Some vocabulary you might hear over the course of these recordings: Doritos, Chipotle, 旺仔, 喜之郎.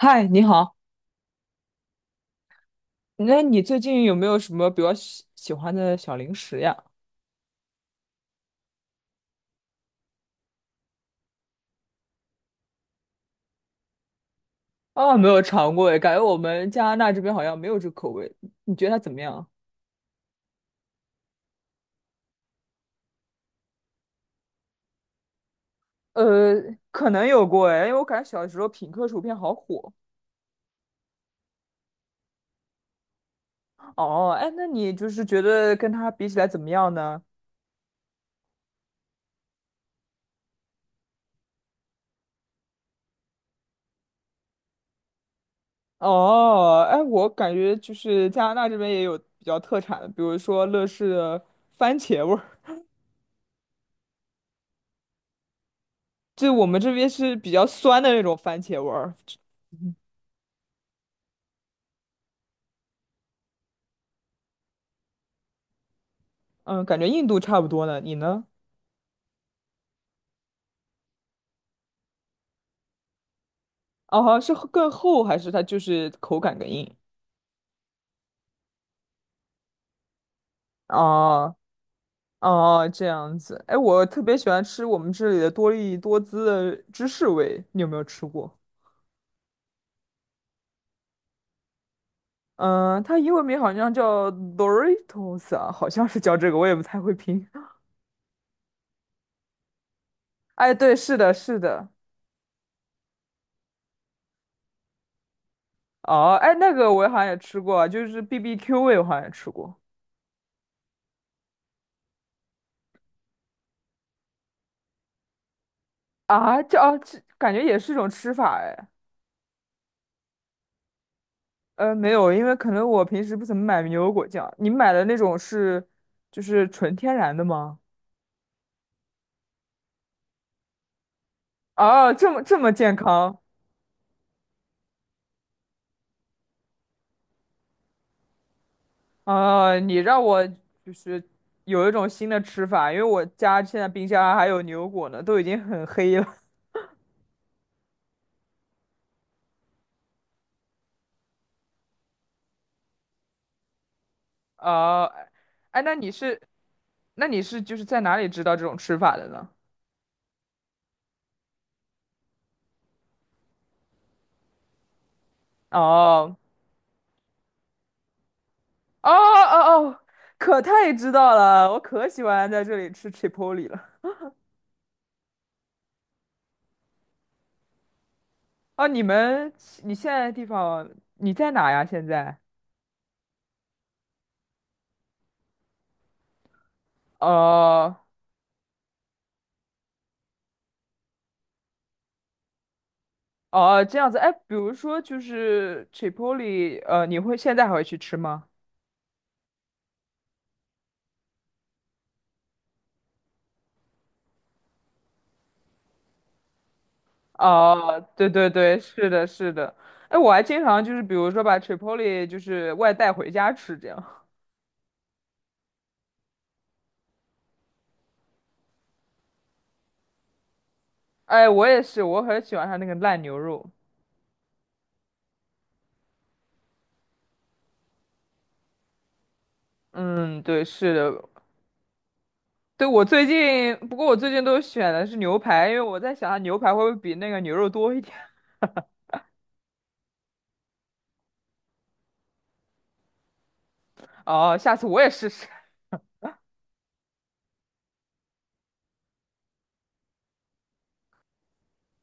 嗨，你好，那你最近有没有什么比较喜欢的小零食呀？啊，没有尝过诶，感觉我们加拿大这边好像没有这口味，你觉得它怎么样？呃，可能有过哎，因为我感觉小时候品客薯片好火。哦，哎，那你就是觉得跟它比起来怎么样呢？哦，哎，我感觉就是加拿大这边也有比较特产的，比如说乐事的番茄味儿，就我们这边是比较酸的那种番茄味儿。嗯，感觉印度差不多呢，你呢？哦，好像是更厚还是它就是口感更硬？哦哦，这样子。哎，我特别喜欢吃我们这里的多利多滋的芝士味，你有没有吃过？嗯，它英文名好像叫 Doritos 啊，好像是叫这个，我也不太会拼。哎，对，是的，是的。哦，哎，那个我好像也吃过啊就是 BBQ 味，我好像也吃过啊，这感觉也是一种吃法哎。没有，因为可能我平时不怎么买牛油果酱。你买的那种是就是纯天然的吗？啊，这么健康啊！你让我就是有一种新的吃法，因为我家现在冰箱啊还有牛油果呢，都已经很黑了。啊，哎，那你是就是在哪里知道这种吃法的呢？哦哦哦哦，可太知道了，我可喜欢在这里吃 Chipotle 了。啊，你现在的地方你在哪呀？现在？哦哦，这样子。哎，比如说就是 t r i p o l i 现在还会去吃吗？哦，对对对，是的，是的。哎，我还经常就是比如说把 t r i p o l i 就是外带回家吃这样。哎，我也是，我很喜欢它那个烂牛肉。嗯，对，是的，对，我最近，不过我最近都选的是牛排，因为我在想它牛排会不会比那个牛肉多一点。哦，下次我也试试。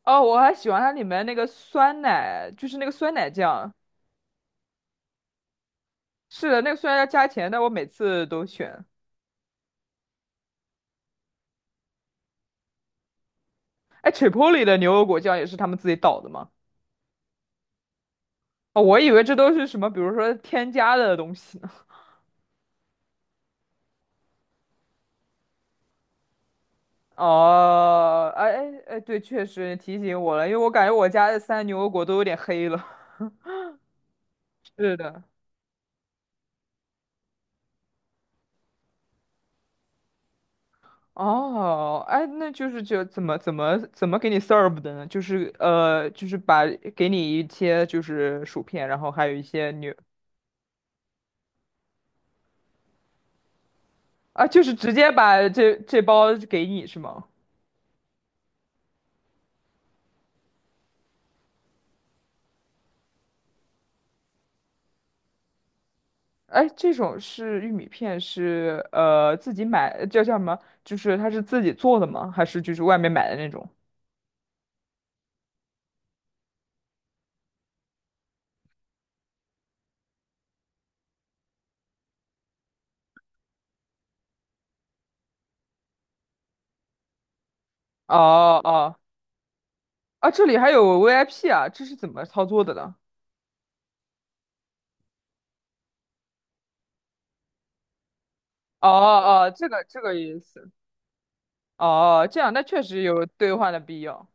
哦，我还喜欢它里面那个酸奶，就是那个酸奶酱。是的，那个虽然要加钱，但我每次都选。哎，Chipotle 的牛油果酱也是他们自己倒的吗？哦，我以为这都是什么，比如说添加的东西呢。哦，哎哎哎，对，确实提醒我了，因为我感觉我家的三牛油果都有点黑了。是的。哦，哎，那就是怎么给你 serve 的呢？就是把给你一些就是薯片，然后还有一些牛啊，就是直接把这包给你是吗？哎，这种是玉米片是自己买，叫什么？就是它是自己做的吗？还是就是外面买的那种？哦哦啊，这里还有 VIP 啊，这是怎么操作的呢？哦哦，这个意思。哦，这样那确实有兑换的必要。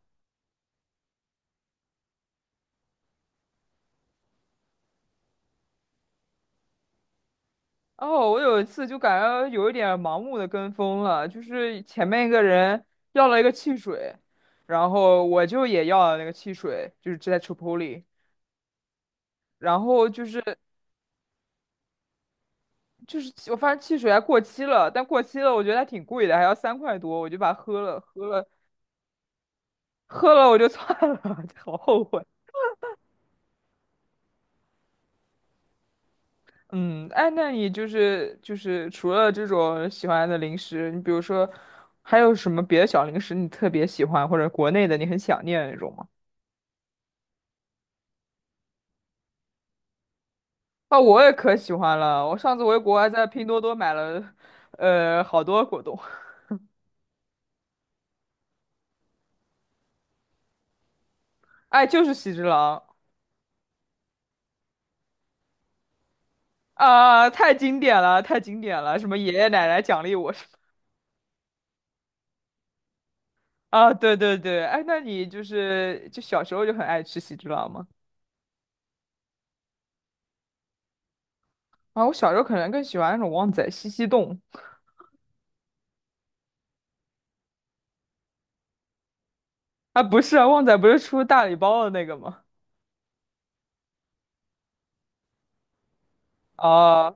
哦，我有一次就感觉有一点盲目的跟风了，就是前面一个人要了一个汽水，然后我就也要了那个汽水，就是在 c h i 然后就是我发现汽水还过期了，但过期了我觉得还挺贵的，还要3块多，我就把它喝了，喝了我就算了，好后悔。嗯，哎，那你就是除了这种喜欢的零食，你比如说还有什么别的小零食你特别喜欢，或者国内的你很想念的那种吗？啊，我也可喜欢了，我上次回国还在拼多多买了，好多果冻，哎，就是喜之郎啊，太经典了，太经典了，什么爷爷奶奶奖励我。啊，对对对，哎，那你就是小时候就很爱吃喜之郎吗？啊，我小时候可能更喜欢那种旺仔西西冻，啊，不是啊，旺仔不是出大礼包的那个吗？啊，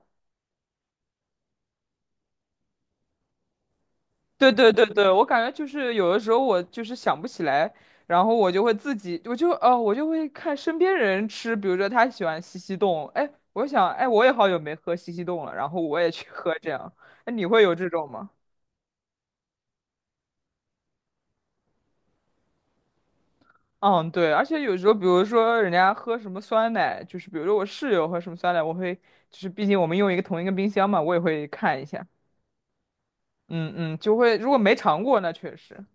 对对对对，我感觉就是有的时候我就是想不起来，然后我就会自己，我就会看身边人吃，比如说他喜欢西西冻，哎，我想，哎，我也好久没喝西西冻了，然后我也去喝这样，哎，你会有这种吗？嗯，对，而且有时候，比如说人家喝什么酸奶，就是比如说我室友喝什么酸奶，我会就是毕竟我们用同一个冰箱嘛，我也会看一下。嗯嗯，就会如果没尝过，那确实。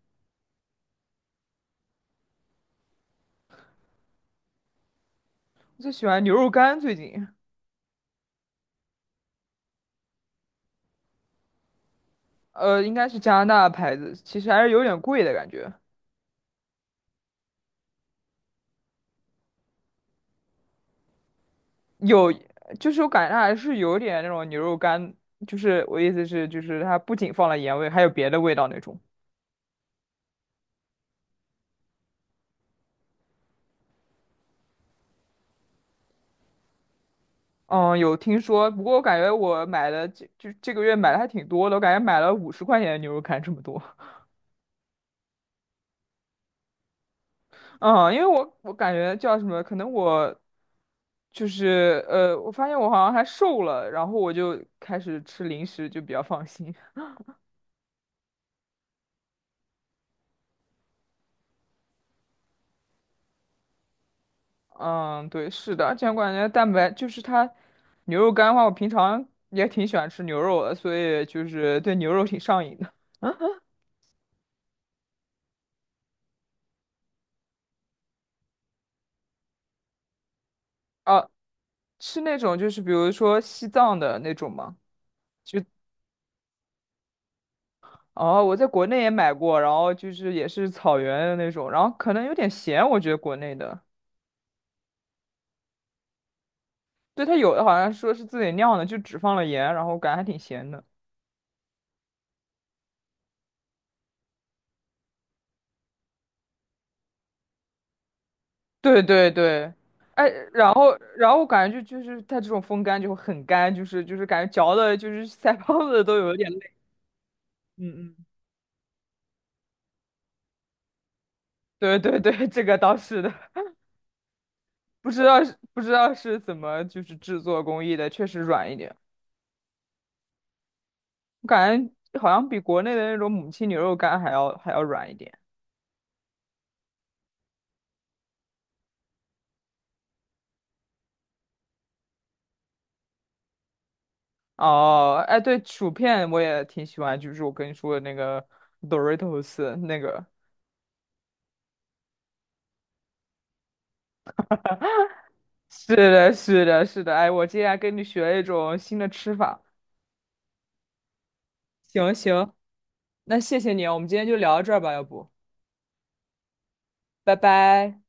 我最喜欢牛肉干，最近应该是加拿大牌子，其实还是有点贵的感觉。有，就是我感觉它还是有点那种牛肉干，就是我意思是，就是它不仅放了盐味，还有别的味道那种。嗯，有听说，不过我感觉我买的这个月买的还挺多的，我感觉买了50块钱的牛肉干这么多。嗯，因为我感觉叫什么，可能我就是我发现我好像还瘦了，然后我就开始吃零食，就比较放心。嗯，对，是的，而且我感觉蛋白就是它牛肉干的话，我平常也挺喜欢吃牛肉的，所以就是对牛肉挺上瘾的。啊，吃那种就是比如说西藏的那种嘛，就哦，我在国内也买过，然后就是也是草原的那种，然后可能有点咸，我觉得国内的。对，它有的好像说是自己酿的，就只放了盐，然后感觉还挺咸的。对对对，哎，然后我感觉就是它这种风干就会很干，就是感觉嚼的，就是 腮帮子都有点累。嗯嗯，对对对，这个倒是的，不知道是怎么就是制作工艺的，确实软一点，我感觉好像比国内的那种母亲牛肉干还要软一点。哦，哎，对，薯片我也挺喜欢，就是我跟你说的那个 Doritos 那个。是的，是的，是的，哎，我今天还跟你学了一种新的吃法。行行，那谢谢你啊我们今天就聊到这儿吧，要不，拜拜。